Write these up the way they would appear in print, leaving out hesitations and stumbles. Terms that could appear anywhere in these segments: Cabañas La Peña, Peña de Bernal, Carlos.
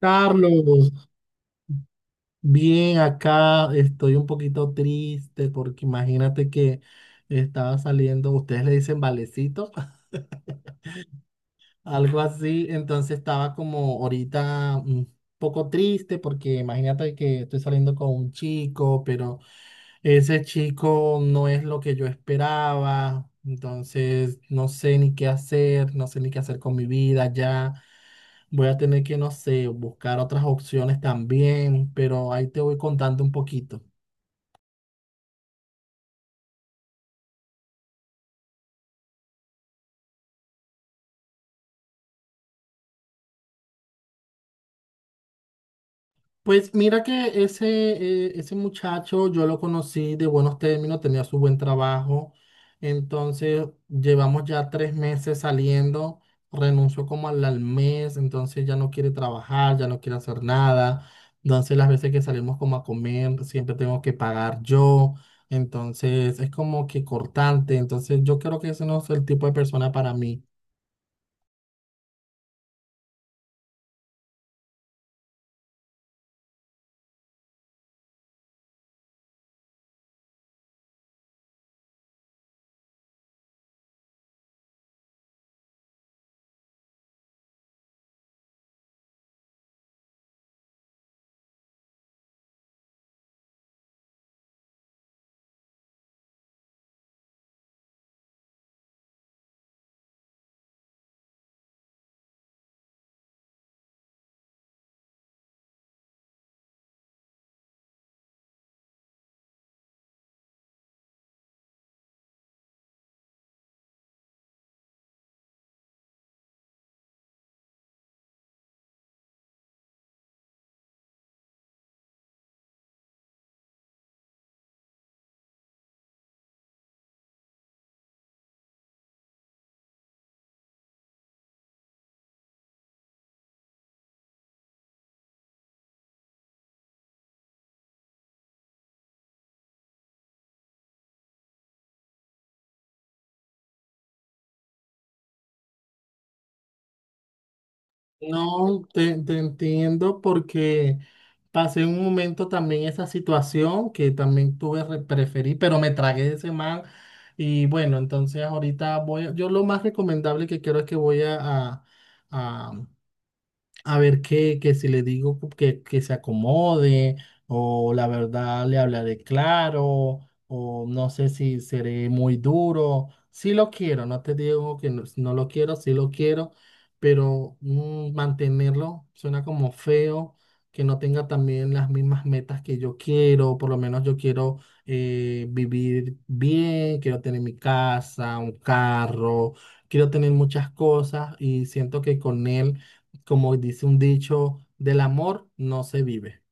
Carlos, bien acá, estoy un poquito triste porque imagínate que estaba saliendo, ustedes le dicen valecito, algo así, entonces estaba como ahorita un poco triste porque imagínate que estoy saliendo con un chico, pero ese chico no es lo que yo esperaba, entonces no sé ni qué hacer, no sé ni qué hacer con mi vida ya. Voy a tener que, no sé, buscar otras opciones también, pero ahí te voy contando un poquito. Pues mira que ese, ese muchacho yo lo conocí de buenos términos, tenía su buen trabajo, entonces llevamos ya tres meses saliendo, renunció como al mes, entonces ya no quiere trabajar, ya no quiere hacer nada, entonces las veces que salimos como a comer siempre tengo que pagar yo, entonces es como que cortante, entonces yo creo que ese no es el tipo de persona para mí. No, te entiendo porque pasé un momento también esa situación que también tuve preferí, pero me tragué ese man y bueno, entonces ahorita voy, a- yo lo más recomendable que quiero es que voy a, a ver qué, que si le digo que se acomode, o la verdad le hablaré claro, o no sé si seré muy duro. Sí lo quiero, no te digo que no, no lo quiero, sí lo quiero, pero mantenerlo suena como feo, que no tenga también las mismas metas que yo quiero, por lo menos yo quiero vivir bien, quiero tener mi casa, un carro, quiero tener muchas cosas y siento que con él, como dice un dicho, del amor no se vive.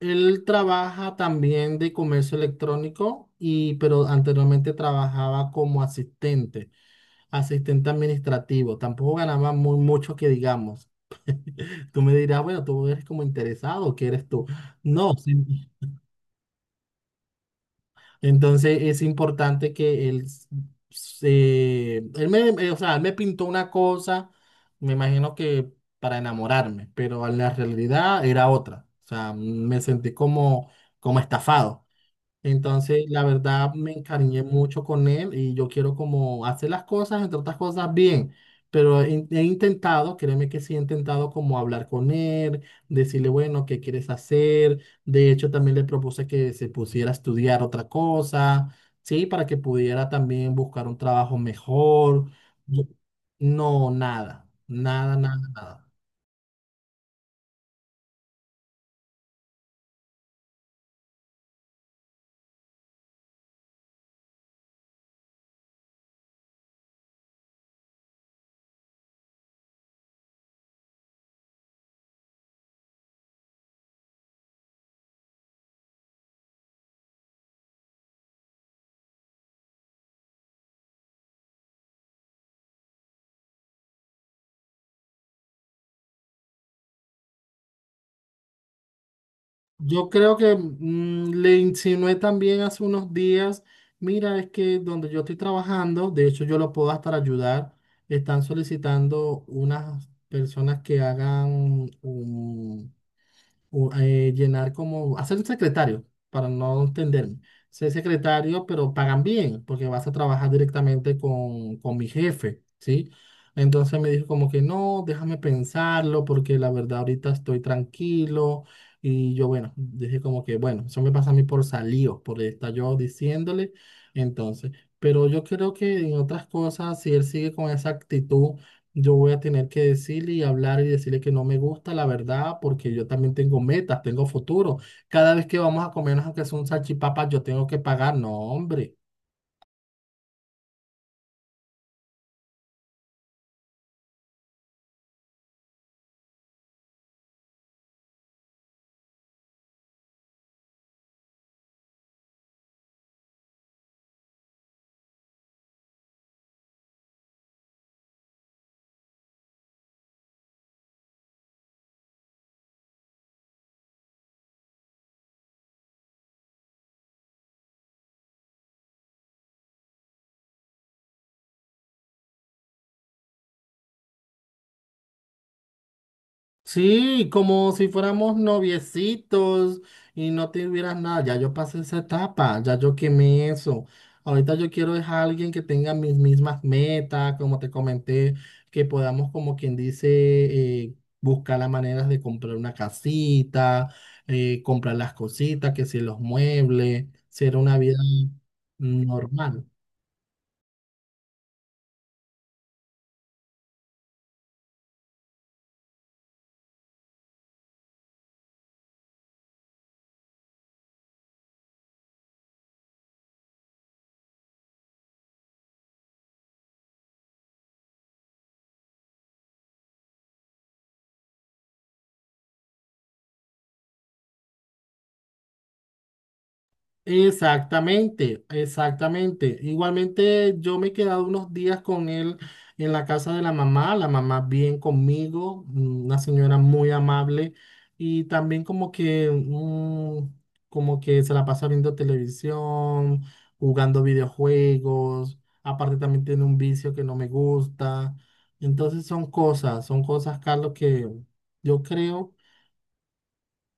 Él trabaja también de comercio electrónico y pero anteriormente trabajaba como asistente, asistente administrativo. Tampoco ganaba muy mucho que digamos. Tú me dirás, bueno, tú eres como interesado, ¿qué eres tú? No, sí. Entonces es importante que él, s- se, él me, o sea, él me pintó una cosa, me imagino que para enamorarme, pero en la realidad era otra. O sea, me sentí como, como estafado. Entonces, la verdad, me encariñé mucho con él y yo quiero como hacer las cosas, entre otras cosas, bien. Pero he intentado, créeme que sí, he intentado como hablar con él, decirle, bueno, ¿qué quieres hacer? De hecho, también le propuse que se pusiera a estudiar otra cosa, ¿sí? Para que pudiera también buscar un trabajo mejor. Yo- no, nada. Yo creo que le insinué también hace unos días, mira, es que donde yo estoy trabajando, de hecho yo lo puedo hasta ayudar, están solicitando unas personas que hagan un, llenar como, hacer un secretario, para no entenderme. Ser secretario, pero pagan bien, porque vas a trabajar directamente con mi jefe, ¿sí? Entonces me dijo como que no, déjame pensarlo, porque la verdad ahorita estoy tranquilo. Y yo, bueno, dije como que, bueno, eso me pasa a mí por salido, por estar yo diciéndole. Entonces, pero yo creo que en otras cosas, si él sigue con esa actitud, yo voy a tener que decirle y hablar y decirle que no me gusta la verdad porque yo también tengo metas, tengo futuro. Cada vez que vamos a comernos aunque sea un salchipapa, yo tengo que pagar. No, hombre. Sí, como si fuéramos noviecitos y no te hubieras nada. Ya yo pasé esa etapa, ya yo quemé eso. Ahorita yo quiero es a alguien que tenga mis mismas metas, como te comenté, que podamos, como quien dice, eh, buscar las maneras de comprar una casita, comprar las cositas, que si los muebles, ser una vida normal. Exactamente, exactamente. Igualmente yo me he quedado unos días con él en la casa de la mamá bien conmigo, una señora muy amable y también como que como que se la pasa viendo televisión, jugando videojuegos, aparte también tiene un vicio que no me gusta. Entonces son cosas, Carlos, que yo creo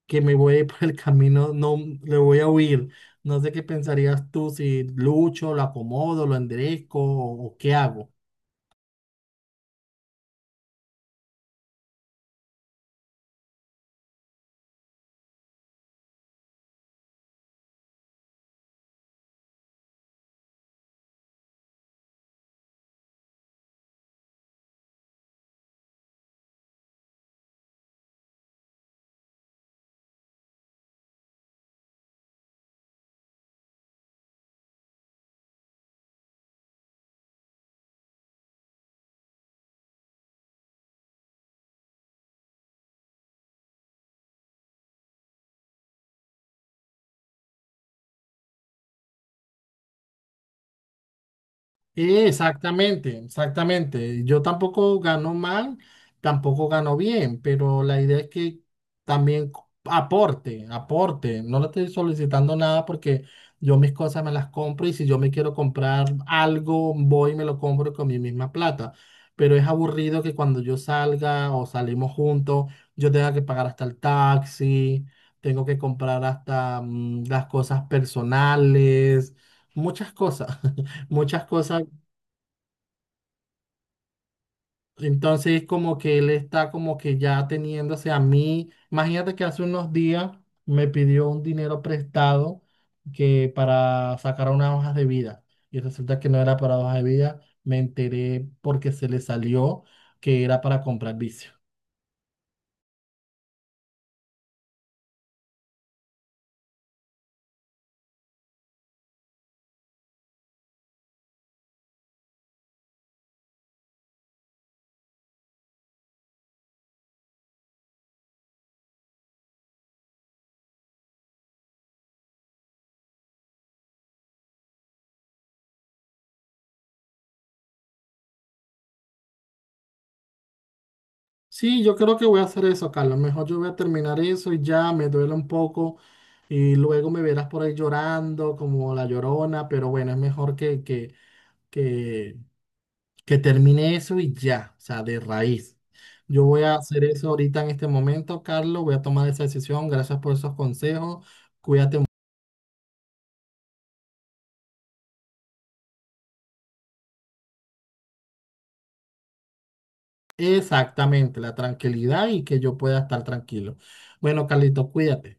que me voy a ir por el camino, no le voy a huir. No sé qué pensarías tú si lucho, lo acomodo, lo enderezco o qué hago. Exactamente, exactamente. Yo tampoco gano mal, tampoco gano bien, pero la idea es que también co- aporte, aporte. No le estoy solicitando nada porque yo mis cosas me las compro y si yo me quiero comprar algo, voy y me lo compro con mi misma plata. Pero es aburrido que cuando yo salga o salimos juntos, yo tenga que pagar hasta el taxi, tengo que comprar hasta las cosas personales, muchas cosas. Muchas cosas. Entonces como que él está como que ya teniéndose a mí. Imagínate que hace unos días me pidió un dinero prestado que para sacar unas hojas de vida. Y resulta que no era para hojas de vida. Me enteré porque se le salió que era para comprar vicio. Sí, yo creo que voy a hacer eso, Carlos. Mejor yo voy a terminar eso y ya me duele un poco. Y luego me verás por ahí llorando como la llorona. Pero bueno, es mejor que, que que termine eso y ya, o sea, de raíz. Yo voy a hacer eso ahorita en este momento, Carlos, voy a tomar esa decisión. Gracias por esos consejos. Cuídate. Mu- exactamente, la tranquilidad y que yo pueda estar tranquilo. Bueno, Carlito, cuídate.